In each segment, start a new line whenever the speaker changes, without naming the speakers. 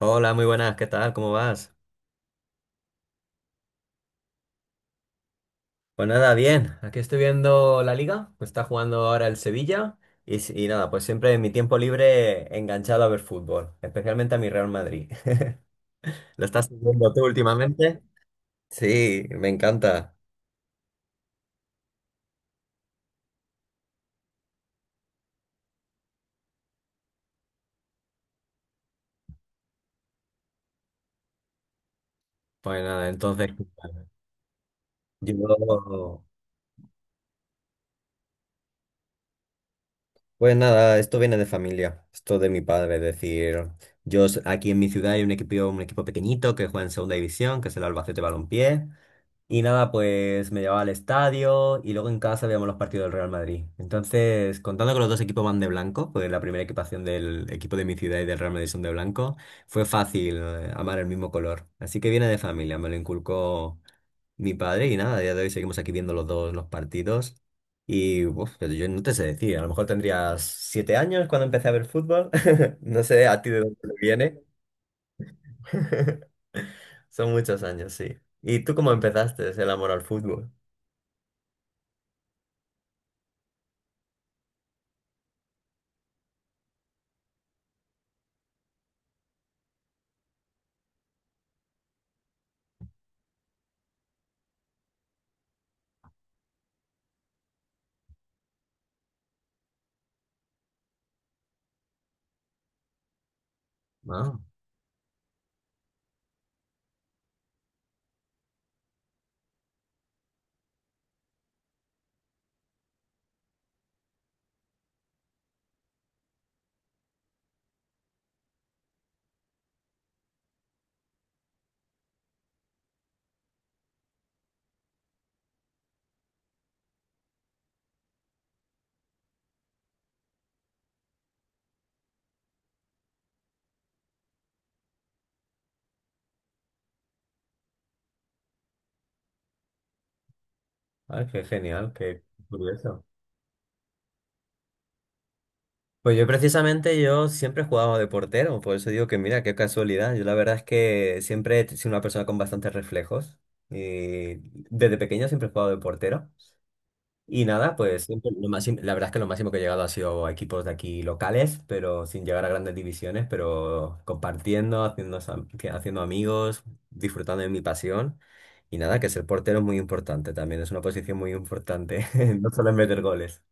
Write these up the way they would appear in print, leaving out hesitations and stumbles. Hola, muy buenas, ¿qué tal? ¿Cómo vas? Pues nada, bien, aquí estoy viendo la liga, está jugando ahora el Sevilla y nada, pues siempre en mi tiempo libre enganchado a ver fútbol, especialmente a mi Real Madrid. ¿Lo estás viendo tú últimamente? Sí, me encanta. Pues nada, entonces, yo, pues nada, esto viene de familia, esto de mi padre, es decir, aquí en mi ciudad hay un equipo pequeñito que juega en segunda división, que es el Albacete Balompié. Y nada, pues me llevaba al estadio y luego en casa veíamos los partidos del Real Madrid. Entonces, contando que los dos equipos van de blanco, pues la primera equipación del equipo de mi ciudad y del Real Madrid son de blanco, fue fácil amar el mismo color. Así que viene de familia, me lo inculcó mi padre y nada, a día de hoy seguimos aquí viendo los dos los partidos. Y uf, pero yo no te sé decir, a lo mejor tendrías 7 años cuando empecé a ver fútbol. No sé a ti de dónde te viene. Son muchos años, sí. ¿Y tú cómo empezaste el amor al fútbol? Ah. Ay, qué genial, qué curioso. Pues yo precisamente yo siempre he jugado de portero, por eso digo que mira, qué casualidad. Yo la verdad es que siempre he sido una persona con bastantes reflejos y desde pequeño siempre he jugado de portero. Y nada, pues siempre lo máximo- la verdad es que lo máximo que he llegado ha sido a equipos de aquí locales, pero sin llegar a grandes divisiones, pero compartiendo, haciendo amigos, disfrutando de mi pasión. Y nada, que ser portero es muy importante también, es una posición muy importante, no solo es meter goles.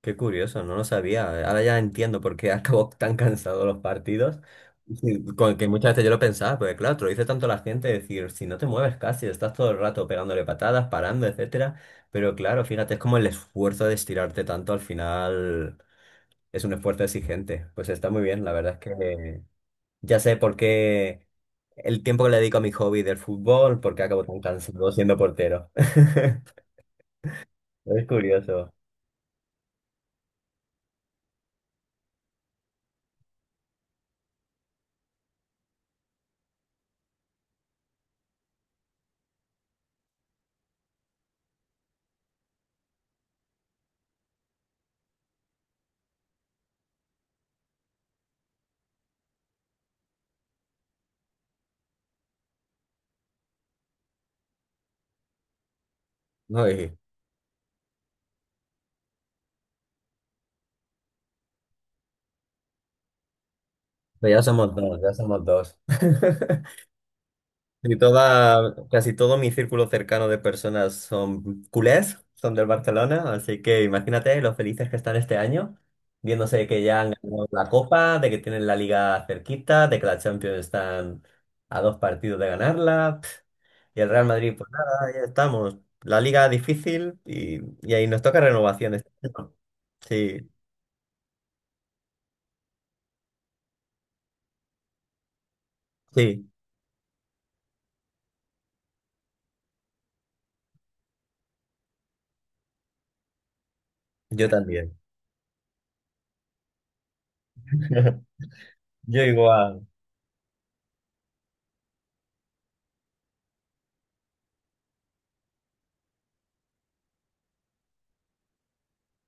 Qué curioso, no lo sabía. Ahora ya entiendo por qué acabó tan cansado los partidos. Sí, con que muchas veces yo lo pensaba, porque claro, te lo dice tanto la gente, decir, si no te mueves casi, estás todo el rato pegándole patadas, parando, etcétera. Pero claro, fíjate, es como el esfuerzo de estirarte tanto al final es un esfuerzo exigente. Pues está muy bien, la verdad es que ya sé por qué el tiempo que le dedico a mi hobby del fútbol, por qué acabo tan cansado siendo portero. Es curioso. Uy, pero ya somos dos, ya somos dos. Y toda, casi todo mi círculo cercano de personas son culés, son del Barcelona, así que imagínate lo felices que están este año, viéndose que ya han ganado la Copa, de que tienen la Liga cerquita, de que la Champions están a dos partidos de ganarla, pf, y el Real Madrid, pues nada, ya estamos. La Liga difícil y ahí nos toca renovación este año. Sí, sí, yo también. Yo igual.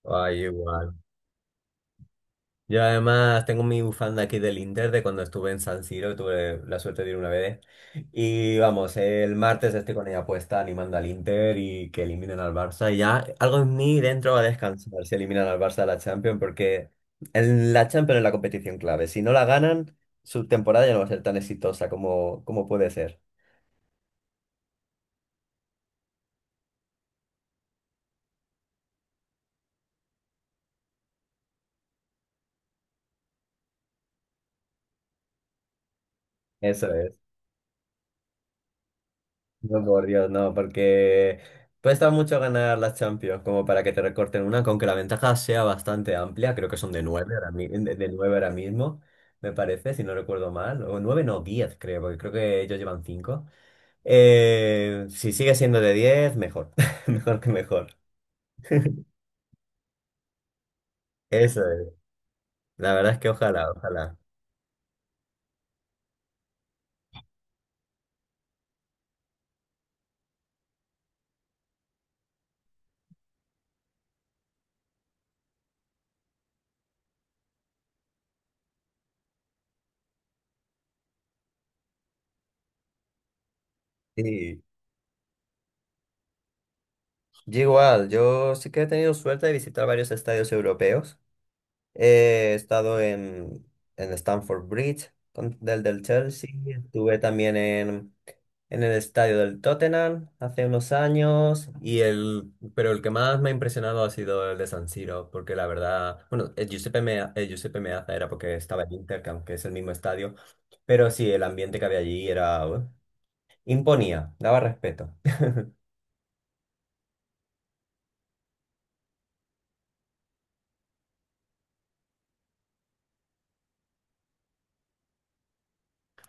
Ay, igual. Yo además tengo mi bufanda aquí del Inter de cuando estuve en San Siro, tuve la suerte de ir una vez. Y vamos, el martes estoy con ella puesta animando al Inter y que eliminen al Barça. Y ya algo en mí dentro va a descansar si eliminan al Barça de la Champions, porque en la Champions es la competición clave. Si no la ganan, su temporada ya no va a ser tan exitosa como puede ser. Eso es. No, por Dios, no, porque cuesta mucho ganar las Champions como para que te recorten una, aunque la ventaja sea bastante amplia, creo que son de nueve ahora, de nueve ahora mismo, me parece, si no recuerdo mal, o nueve no, 10 creo, porque creo que ellos llevan cinco. Si sigue siendo de 10, mejor, mejor que mejor. Eso es, la verdad es que ojalá, ojalá. Sí, yo igual, yo sí que he tenido suerte de visitar varios estadios europeos. He estado en Stamford Bridge, del Chelsea. Estuve también en el estadio del Tottenham hace unos años. Pero el que más me ha impresionado ha sido el de San Siro, porque la verdad, bueno, el Giuseppe, el Giuseppe Meazza era porque estaba en Inter, que aunque es el mismo estadio, pero sí, el ambiente que había allí era, imponía, daba respeto.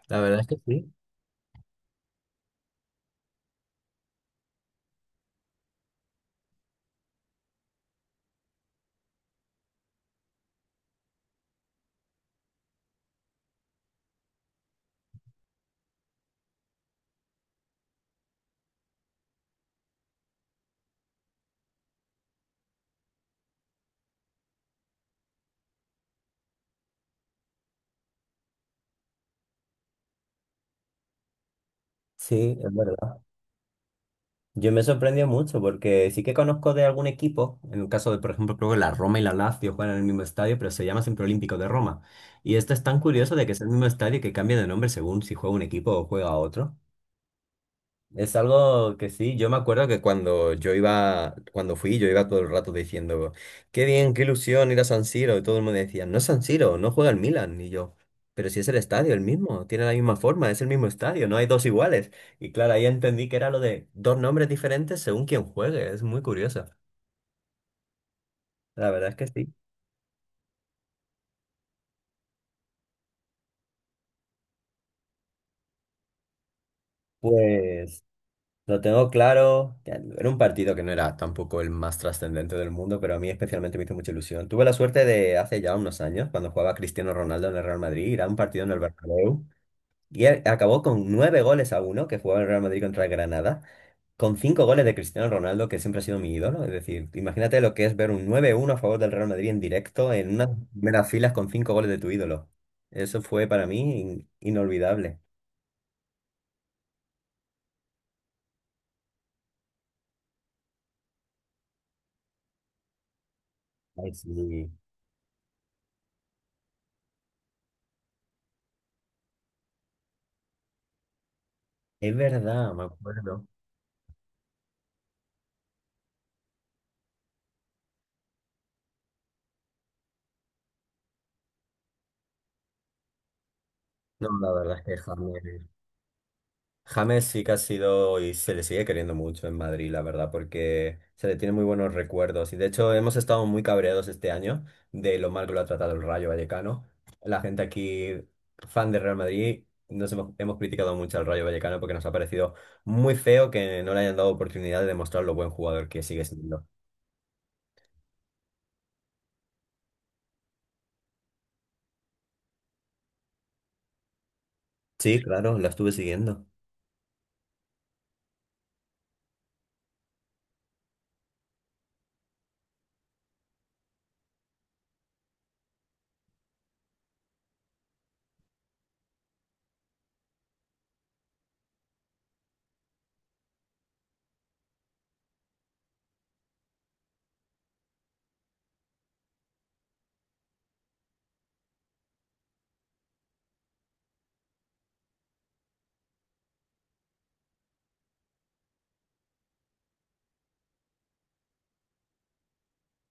La verdad es que sí. Sí, es verdad. Yo me sorprendió mucho porque sí que conozco de algún equipo, en el caso de, por ejemplo, creo que la Roma y la Lazio juegan en el mismo estadio, pero se llama siempre Olímpico de Roma. Y esto es tan curioso de que es el mismo estadio y que cambia de nombre según si juega un equipo o juega otro. Es algo que sí, yo me acuerdo que cuando yo iba, cuando fui, yo iba todo el rato diciendo, qué bien, qué ilusión ir a San Siro, y todo el mundo decía, no es San Siro, no juega el Milan, y yo, pero si es el estadio, el mismo, tiene la misma forma, es el mismo estadio, no hay dos iguales. Y claro, ahí entendí que era lo de dos nombres diferentes según quien juegue, es muy curioso. La verdad es que sí. Pues lo tengo claro. Que era un partido que no era tampoco el más trascendente del mundo, pero a mí especialmente me hizo mucha ilusión. Tuve la suerte de hace ya unos años, cuando jugaba Cristiano Ronaldo en el Real Madrid, ir a un partido en el Bernabéu y acabó con nueve goles a uno que jugaba el Real Madrid contra el Granada, con cinco goles de Cristiano Ronaldo, que siempre ha sido mi ídolo. Es decir, imagínate lo que es ver un 9-1 a favor del Real Madrid en directo en unas primeras filas con cinco goles de tu ídolo. Eso fue para mí inolvidable. Ay, sí. Es verdad, me acuerdo. No, la verdad es que James, James sí que ha sido y se le sigue queriendo mucho en Madrid, la verdad, porque se le tiene muy buenos recuerdos. Y de hecho hemos estado muy cabreados este año de lo mal que lo ha tratado el Rayo Vallecano. La gente aquí, fan de Real Madrid, hemos criticado mucho al Rayo Vallecano porque nos ha parecido muy feo que no le hayan dado oportunidad de demostrar lo buen jugador que sigue siendo. Sí, claro, la estuve siguiendo.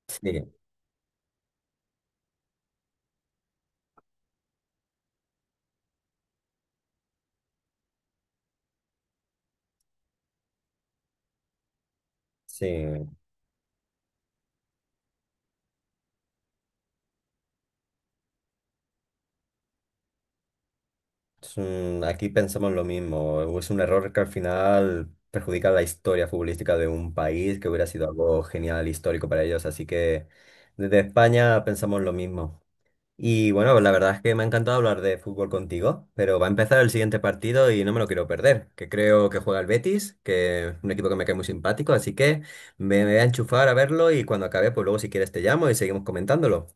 Sí, sí. Aquí pensamos lo mismo. Es un error que al final perjudica la historia futbolística de un país que hubiera sido algo genial, histórico para ellos. Así que desde España pensamos lo mismo. Y bueno, la verdad es que me ha encantado hablar de fútbol contigo, pero va a empezar el siguiente partido y no me lo quiero perder, que creo que juega el Betis, que es un equipo que me cae muy simpático, así que me voy a enchufar a verlo y cuando acabe, pues luego si quieres te llamo y seguimos comentándolo.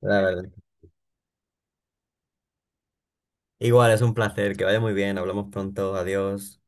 La verdad. Igual, es un placer, que vaya muy bien, hablamos pronto, adiós.